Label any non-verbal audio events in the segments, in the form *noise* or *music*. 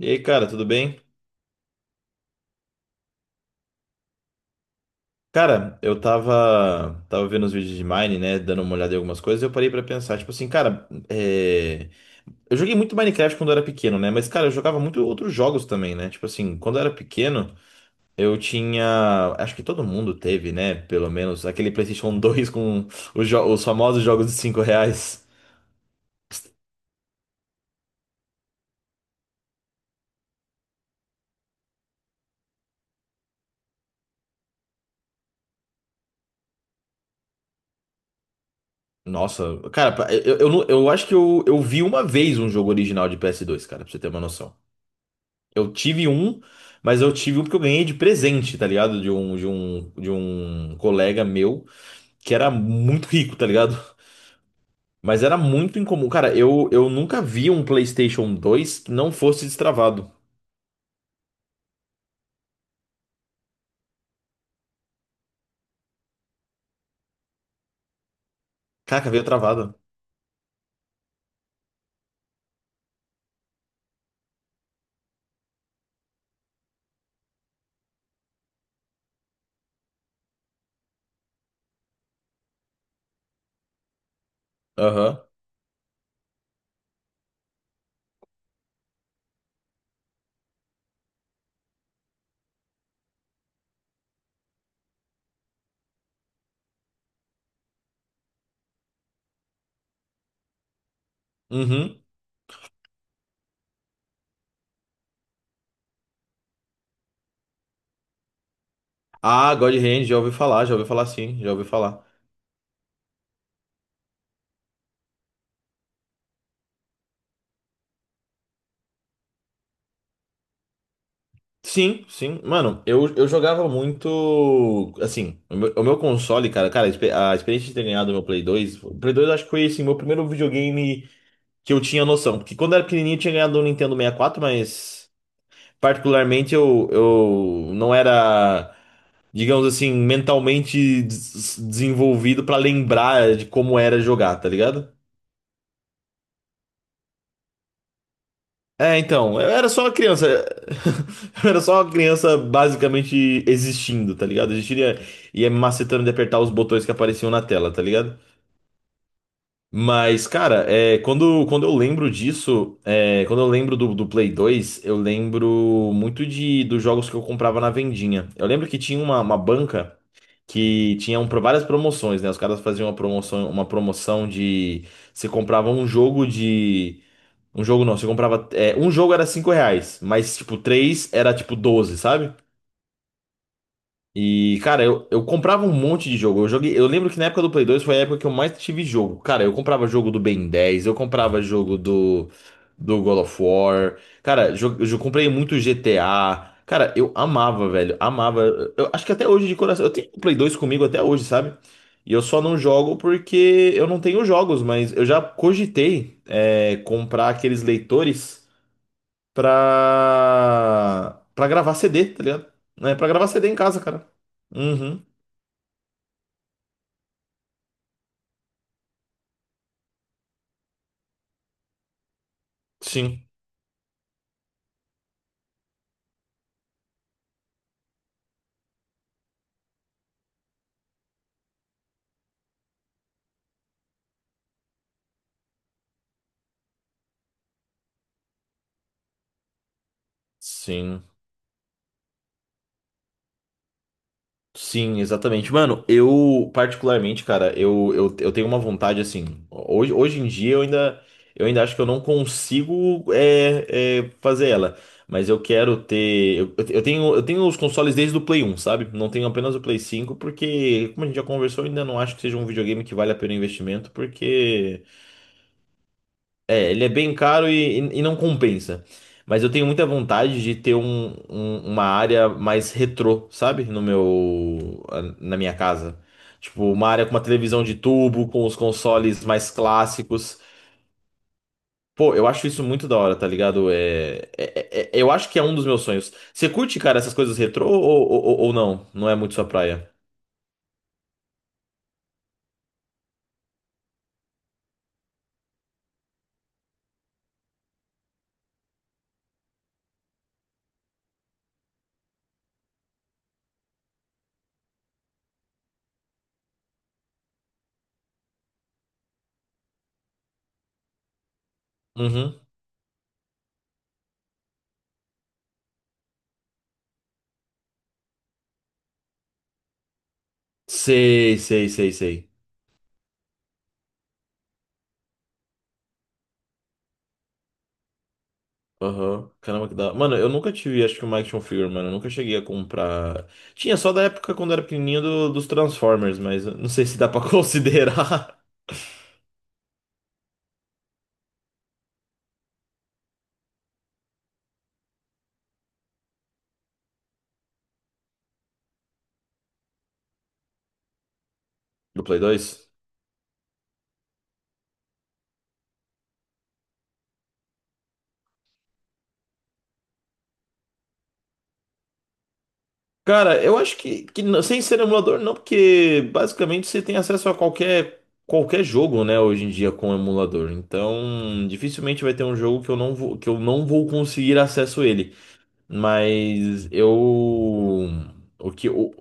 E aí, cara, tudo bem? Cara, eu tava vendo os vídeos de Mine, né? Dando uma olhada em algumas coisas, e eu parei pra pensar, tipo assim, cara, eu joguei muito Minecraft quando eu era pequeno, né? Mas, cara, eu jogava muito outros jogos também, né? Tipo assim, quando eu era pequeno, eu tinha. Acho que todo mundo teve, né? Pelo menos aquele PlayStation *laughs* 2 com os famosos jogos de 5 reais. Nossa, cara, eu, não- eu acho que eu vi uma vez um jogo original de ps dois, cara, pra você ter uma noção. Eu tive um, mas eu tive um porque eu ganhei de presente, tá ligado? De um colega meu que era muito rico, tá ligado? *laughs* Mas era muito incomum. Cara, eu nunca vi um PlayStation 2 que não fosse destravado. Caraca, veio travada. Aham. Uhum. Ah, God Hand, já ouvi falar sim, já ouvi falar. Sim, sim. Mano, eu jogava muito. Assim, o meu console, cara, a a experiência de ter ganhado o meu Play dois. O Play dois eu acho que foi assim, meu primeiro videogame que eu tinha noção. Porque quando eu era pequenininho eu tinha ganhado um Nintendo 64, mas particularmente eu não era, digamos assim, mentalmente desenvolvido pra lembrar de como era jogar, tá ligado? É, então, eu era só uma criança. *laughs* Eu era só uma criança basicamente existindo, tá ligado? Existindo e ia me macetando de apertar os botões que apareciam na tela, tá ligado? Mas, cara, é, quando eu lembro disso, é, quando eu lembro do Play dois, eu lembro muito de dos jogos que eu comprava na vendinha. Eu lembro que tinha uma banca que tinha várias promoções, né? Os caras faziam uma promoção de você comprava um jogo de. Um jogo não, você comprava. Um jogo era 5 reais, mas tipo, três era tipo doze, sabe? E, cara, eu comprava um monte de jogo. Eu joguei, eu lembro que na época do Play 2 foi a época que eu mais tive jogo. Cara, eu comprava jogo do Ben 10, eu comprava jogo do God of War. Cara, comprei muito GTA. Cara, eu amava, velho. Amava. Eu acho que até hoje de coração. Eu tenho o Play 2 comigo até hoje, sabe? E eu só não jogo porque eu não tenho jogos, mas eu já cogitei, comprar aqueles leitores pra gravar CD, tá ligado? É, pra gravar CD em casa, cara. Uhum. Sim. Sim. Sim, exatamente. Mano, eu, particularmente, cara, eu tenho uma vontade assim. Hoje em dia eu ainda acho que eu não consigo fazer ela. Mas eu quero ter. Eu tenho os consoles desde o Play um, sabe? Não tenho apenas o Play cinco porque, como a gente já conversou, eu ainda não acho que seja um videogame que vale a pena o investimento, porque. É, ele é bem caro e não compensa. Mas eu tenho muita vontade de ter uma área mais retrô, sabe? No meu, Na minha casa. Tipo, uma área com uma televisão de tubo, com os consoles mais clássicos. Pô, eu acho isso muito da hora, tá ligado? Eu acho que é um dos meus sonhos. Você curte, cara, essas coisas retrô ou não? Não é muito sua praia? Uhum. Sei, sei, sei, sei. Aham. Caramba, que da. Mano, eu nunca tive, acho que uma action figure, mano. Eu nunca cheguei a comprar. Tinha só da época quando era pequenininho dos Transformers, mas eu não sei se dá pra *laughs* considerar. Do Play 2? Cara, eu acho que sem ser emulador, não, porque basicamente você tem acesso a qualquer jogo, né, hoje em dia com emulador. Então, dificilmente vai ter um jogo que eu não vou, que eu não vou conseguir acesso a ele. Mas eu. O que, o,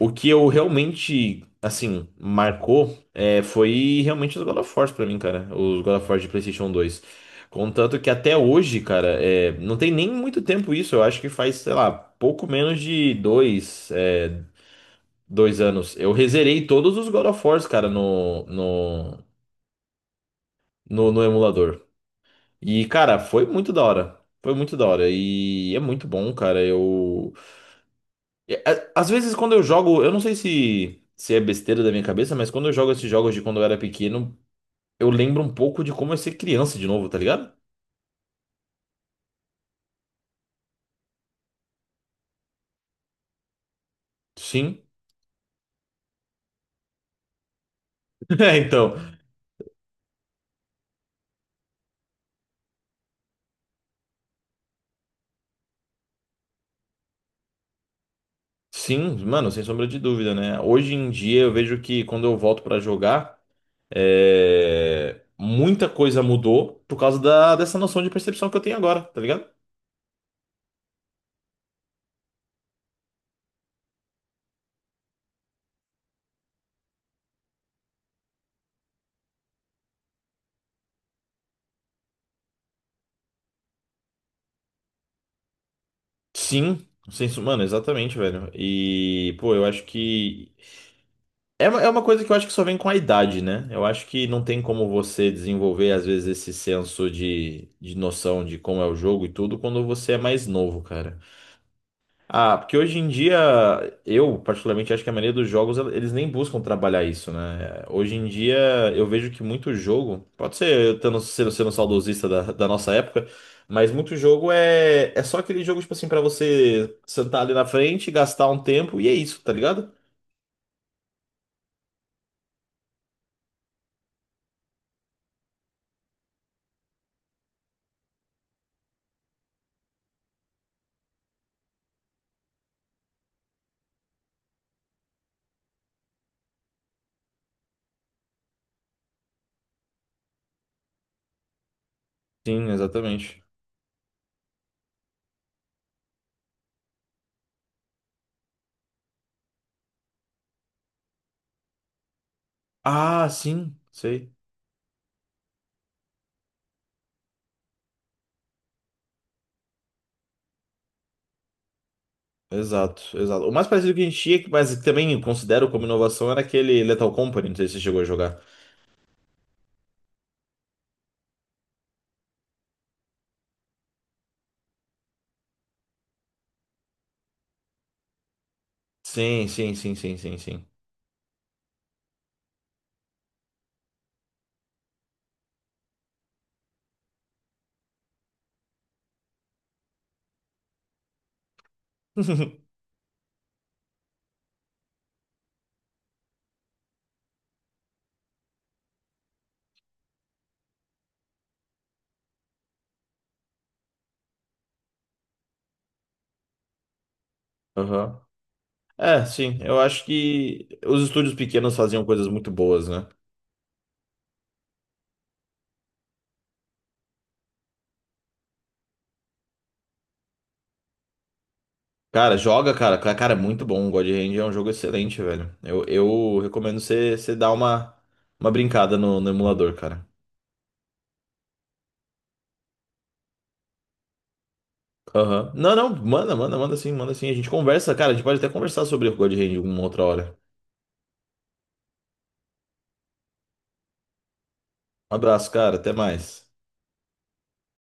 o que eu realmente, assim, marcou é, foi realmente os God of Wars pra mim, cara. Os God of Wars de PlayStation 2. Contanto que até hoje, cara, é, não tem nem muito tempo isso. Eu acho que faz, sei lá, pouco menos de dois anos. Eu rezerei todos os God of Wars, cara, no emulador. E, cara, foi muito da hora. Foi muito da hora. E é muito bom, cara. Eu. Às vezes quando eu jogo, eu não sei se é besteira da minha cabeça, mas quando eu jogo esses jogos de quando eu era pequeno, eu lembro um pouco de como é ser criança de novo, tá ligado? Sim. *laughs* É, então, sim, mano, sem sombra de dúvida, né? Hoje em dia eu vejo que quando eu volto pra jogar, é, muita coisa mudou por causa dessa noção de percepção que eu tenho agora, tá ligado? Sim, sem, som- Mano, exatamente, velho. E, pô, eu acho que é uma coisa que eu acho que só vem com a idade, né? Eu acho que não tem como você desenvolver, às vezes, esse senso de noção de como é o jogo e tudo quando você é mais novo, cara. Ah, porque hoje em dia, eu particularmente acho que a maioria dos jogos, eles nem buscam trabalhar isso, né? Hoje em dia, eu vejo que muito jogo, pode ser eu tendo, sendo saudosista da nossa época, mas muito jogo é só aquele jogo, tipo assim, pra você sentar ali na frente, gastar um tempo e é isso, tá ligado? Sim, exatamente. Ah, sim, sei. Exato, exato. O mais parecido que a gente tinha, mas que também considero como inovação, era aquele Lethal Company, não sei se você chegou a jogar. Sim, sim, sim, sim, sim, sim. *laughs* Aham. É, sim, eu acho que os estúdios pequenos faziam coisas muito boas, né? Cara, joga, cara. Cara, é muito bom. O God Hand é um jogo excelente, velho. Eu recomendo você dar uma brincada no emulador, cara. Aham. Não, não, manda, manda, manda sim, manda sim. A gente conversa, cara. A gente pode até conversar sobre o God Hand uma outra hora. Um abraço, cara. Até mais.